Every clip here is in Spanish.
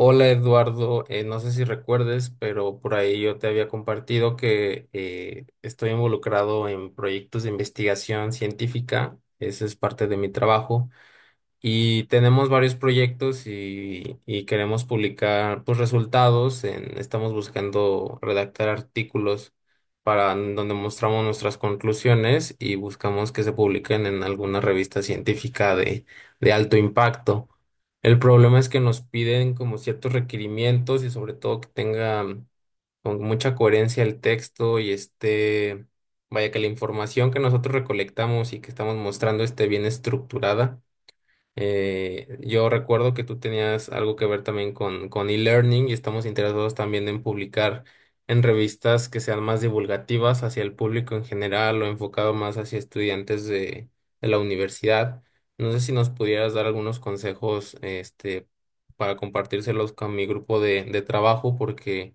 Hola Eduardo. No sé si recuerdes, pero por ahí yo te había compartido que estoy involucrado en proyectos de investigación científica, ese es parte de mi trabajo, y tenemos varios proyectos y queremos publicar, pues, resultados, estamos buscando redactar artículos para donde mostramos nuestras conclusiones y buscamos que se publiquen en alguna revista científica de alto impacto. El problema es que nos piden como ciertos requerimientos y sobre todo que tenga con mucha coherencia el texto y este, vaya que la información que nosotros recolectamos y que estamos mostrando esté bien estructurada. Yo recuerdo que tú tenías algo que ver también con e-learning y estamos interesados también en publicar en revistas que sean más divulgativas hacia el público en general o enfocado más hacia estudiantes de la universidad. No sé si nos pudieras dar algunos consejos, este, para compartírselos con mi grupo de trabajo, porque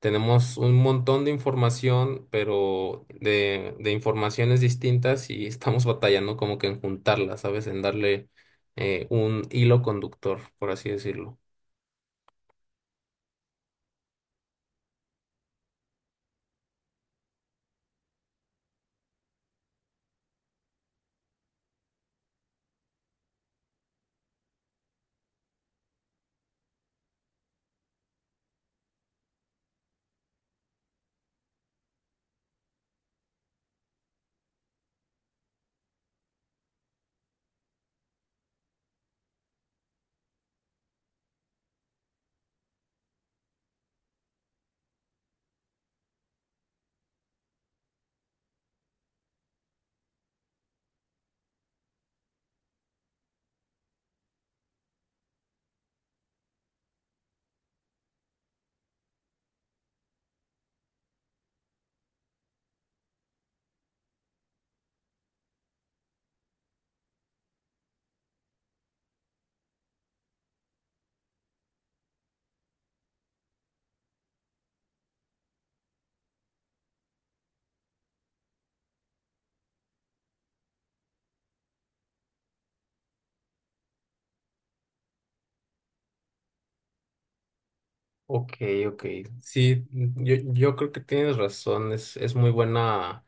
tenemos un montón de información, pero de informaciones distintas y estamos batallando como que en juntarlas, ¿sabes? En darle un hilo conductor, por así decirlo. Ok, ok. Sí, yo creo que tienes razón, es muy buena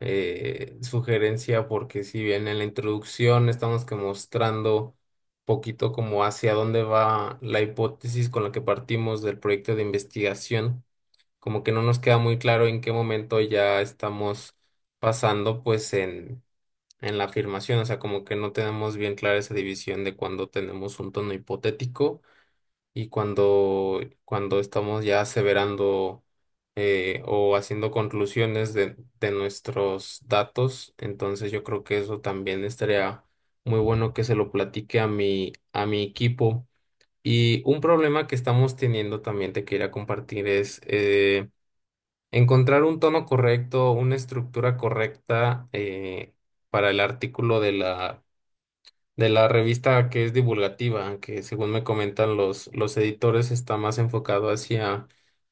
sugerencia, porque si bien en la introducción estamos que mostrando poquito como hacia dónde va la hipótesis con la que partimos del proyecto de investigación, como que no nos queda muy claro en qué momento ya estamos pasando pues en la afirmación, o sea, como que no tenemos bien clara esa división de cuando tenemos un tono hipotético y cuando, cuando estamos ya aseverando, o haciendo conclusiones de nuestros datos. Entonces yo creo que eso también estaría muy bueno que se lo platique a a mi equipo. Y un problema que estamos teniendo también te quería compartir es... encontrar un tono correcto, una estructura correcta, para el artículo de la revista que es divulgativa, que según me comentan los editores está más enfocado hacia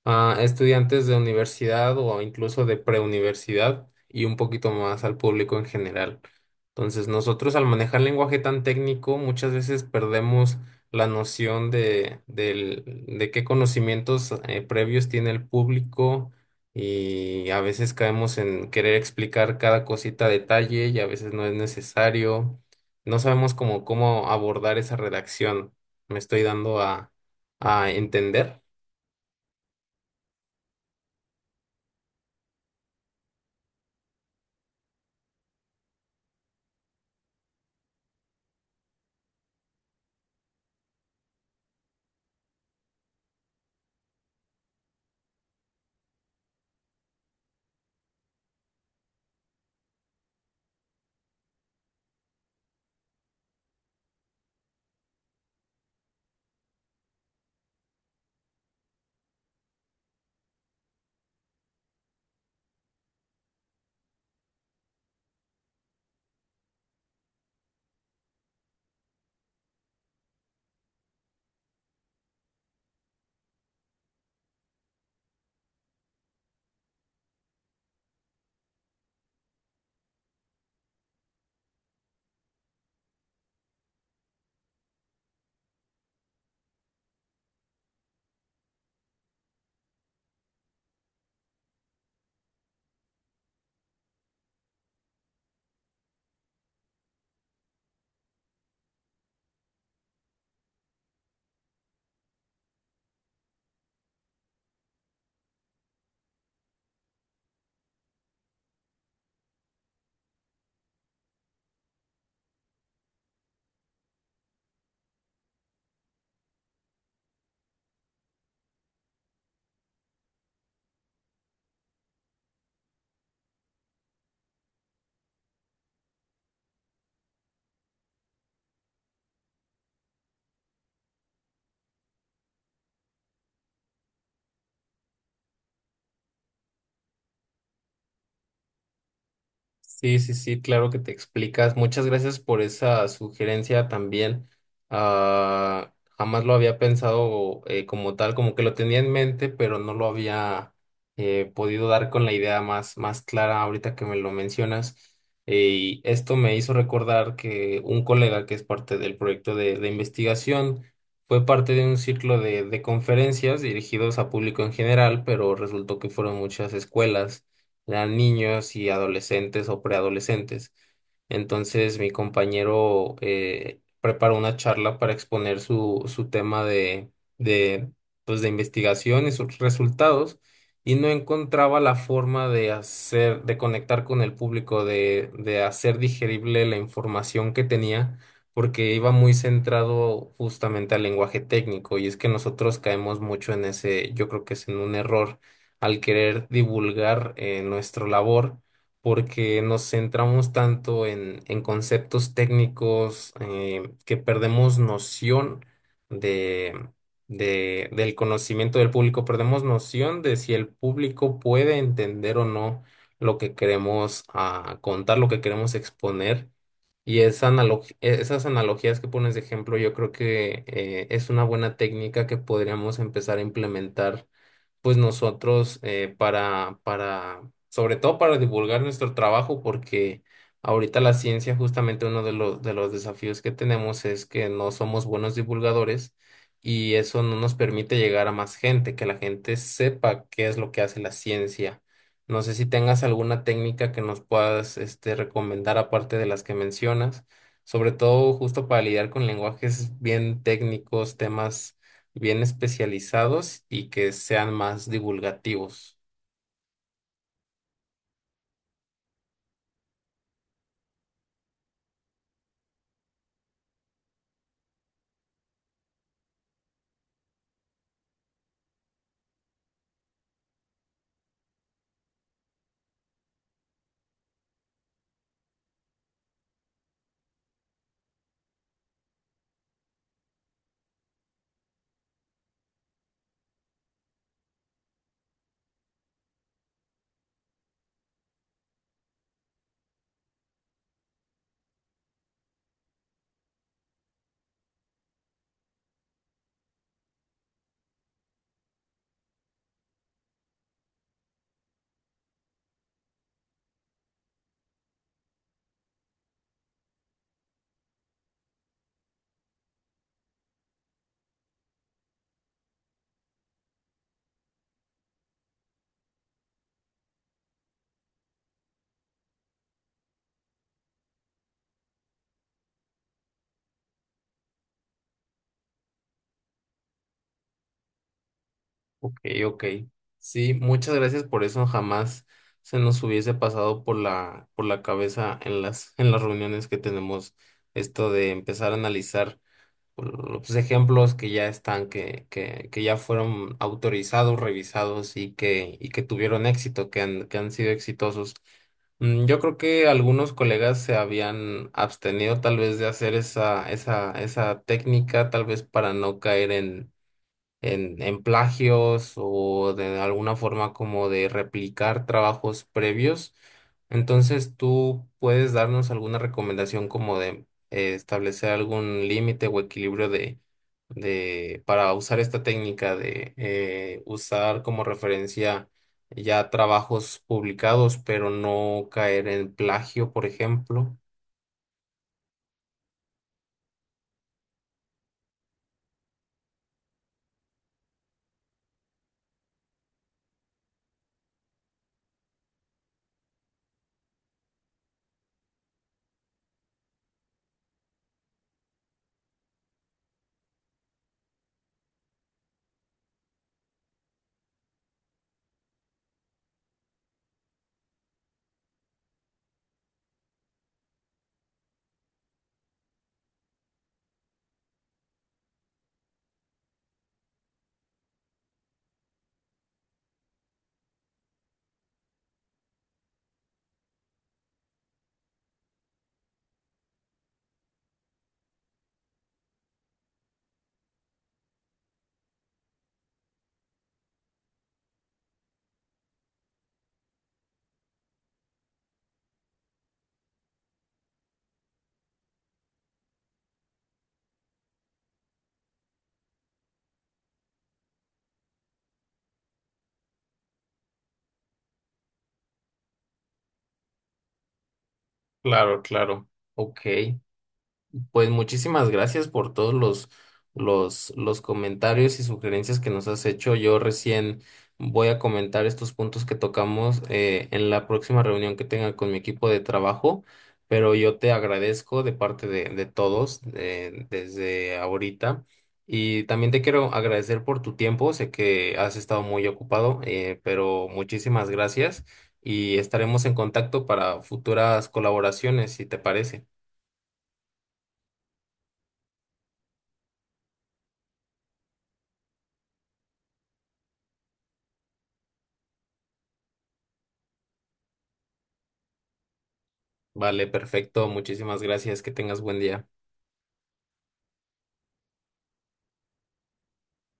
a estudiantes de universidad o incluso de preuniversidad y un poquito más al público en general. Entonces, nosotros al manejar lenguaje tan técnico, muchas veces perdemos la noción de, de qué conocimientos previos tiene el público, y a veces caemos en querer explicar cada cosita a detalle y a veces no es necesario, no sabemos cómo, cómo abordar esa redacción. Me estoy dando a entender. Sí, sí, sí, claro que te explicas. Muchas gracias por esa sugerencia también. Ah, jamás lo había pensado como tal, como que lo tenía en mente, pero no lo había podido dar con la idea más, más clara ahorita que me lo mencionas. Y esto me hizo recordar que un colega que es parte del proyecto de investigación fue parte de un ciclo de conferencias dirigidos a público en general, pero resultó que fueron muchas escuelas, eran niños y adolescentes o preadolescentes. Entonces mi compañero preparó una charla para exponer su, su tema de, pues, de investigación y sus resultados, y no encontraba la forma de hacer, de conectar con el público, de hacer digerible la información que tenía, porque iba muy centrado justamente al lenguaje técnico, y es que nosotros caemos mucho en ese, yo creo que es en un error al querer divulgar nuestra labor, porque nos centramos tanto en conceptos técnicos que perdemos noción de, del conocimiento del público, perdemos noción de si el público puede entender o no lo que queremos contar, lo que queremos exponer. Y esa esas analogías que pones de ejemplo, yo creo que es una buena técnica que podríamos empezar a implementar pues nosotros, para, sobre todo para divulgar nuestro trabajo, porque ahorita la ciencia, justamente uno de los desafíos que tenemos es que no somos buenos divulgadores y eso no nos permite llegar a más gente, que la gente sepa qué es lo que hace la ciencia. No sé si tengas alguna técnica que nos puedas, este, recomendar aparte de las que mencionas, sobre todo justo para lidiar con lenguajes bien técnicos, temas bien especializados y que sean más divulgativos. Ok, ok. Sí, muchas gracias por eso. Jamás se nos hubiese pasado por la cabeza en las reuniones que tenemos esto de empezar a analizar los ejemplos que ya están, que, que ya fueron autorizados, revisados y que tuvieron éxito, que han sido exitosos. Yo creo que algunos colegas se habían abstenido tal vez de hacer esa, esa, esa técnica, tal vez para no caer en plagios o de alguna forma como de replicar trabajos previos. Entonces, ¿tú puedes darnos alguna recomendación como de establecer algún límite o equilibrio de para usar esta técnica de usar como referencia ya trabajos publicados, pero no caer en plagio, por ejemplo? Claro, claro. Ok. Pues muchísimas gracias por todos los comentarios y sugerencias que nos has hecho. Yo recién voy a comentar estos puntos que tocamos en la próxima reunión que tenga con mi equipo de trabajo, pero yo te agradezco de parte de todos, desde ahorita. Y también te quiero agradecer por tu tiempo. Sé que has estado muy ocupado, pero muchísimas gracias, y estaremos en contacto para futuras colaboraciones, si te parece. Vale, perfecto. Muchísimas gracias. Que tengas buen día.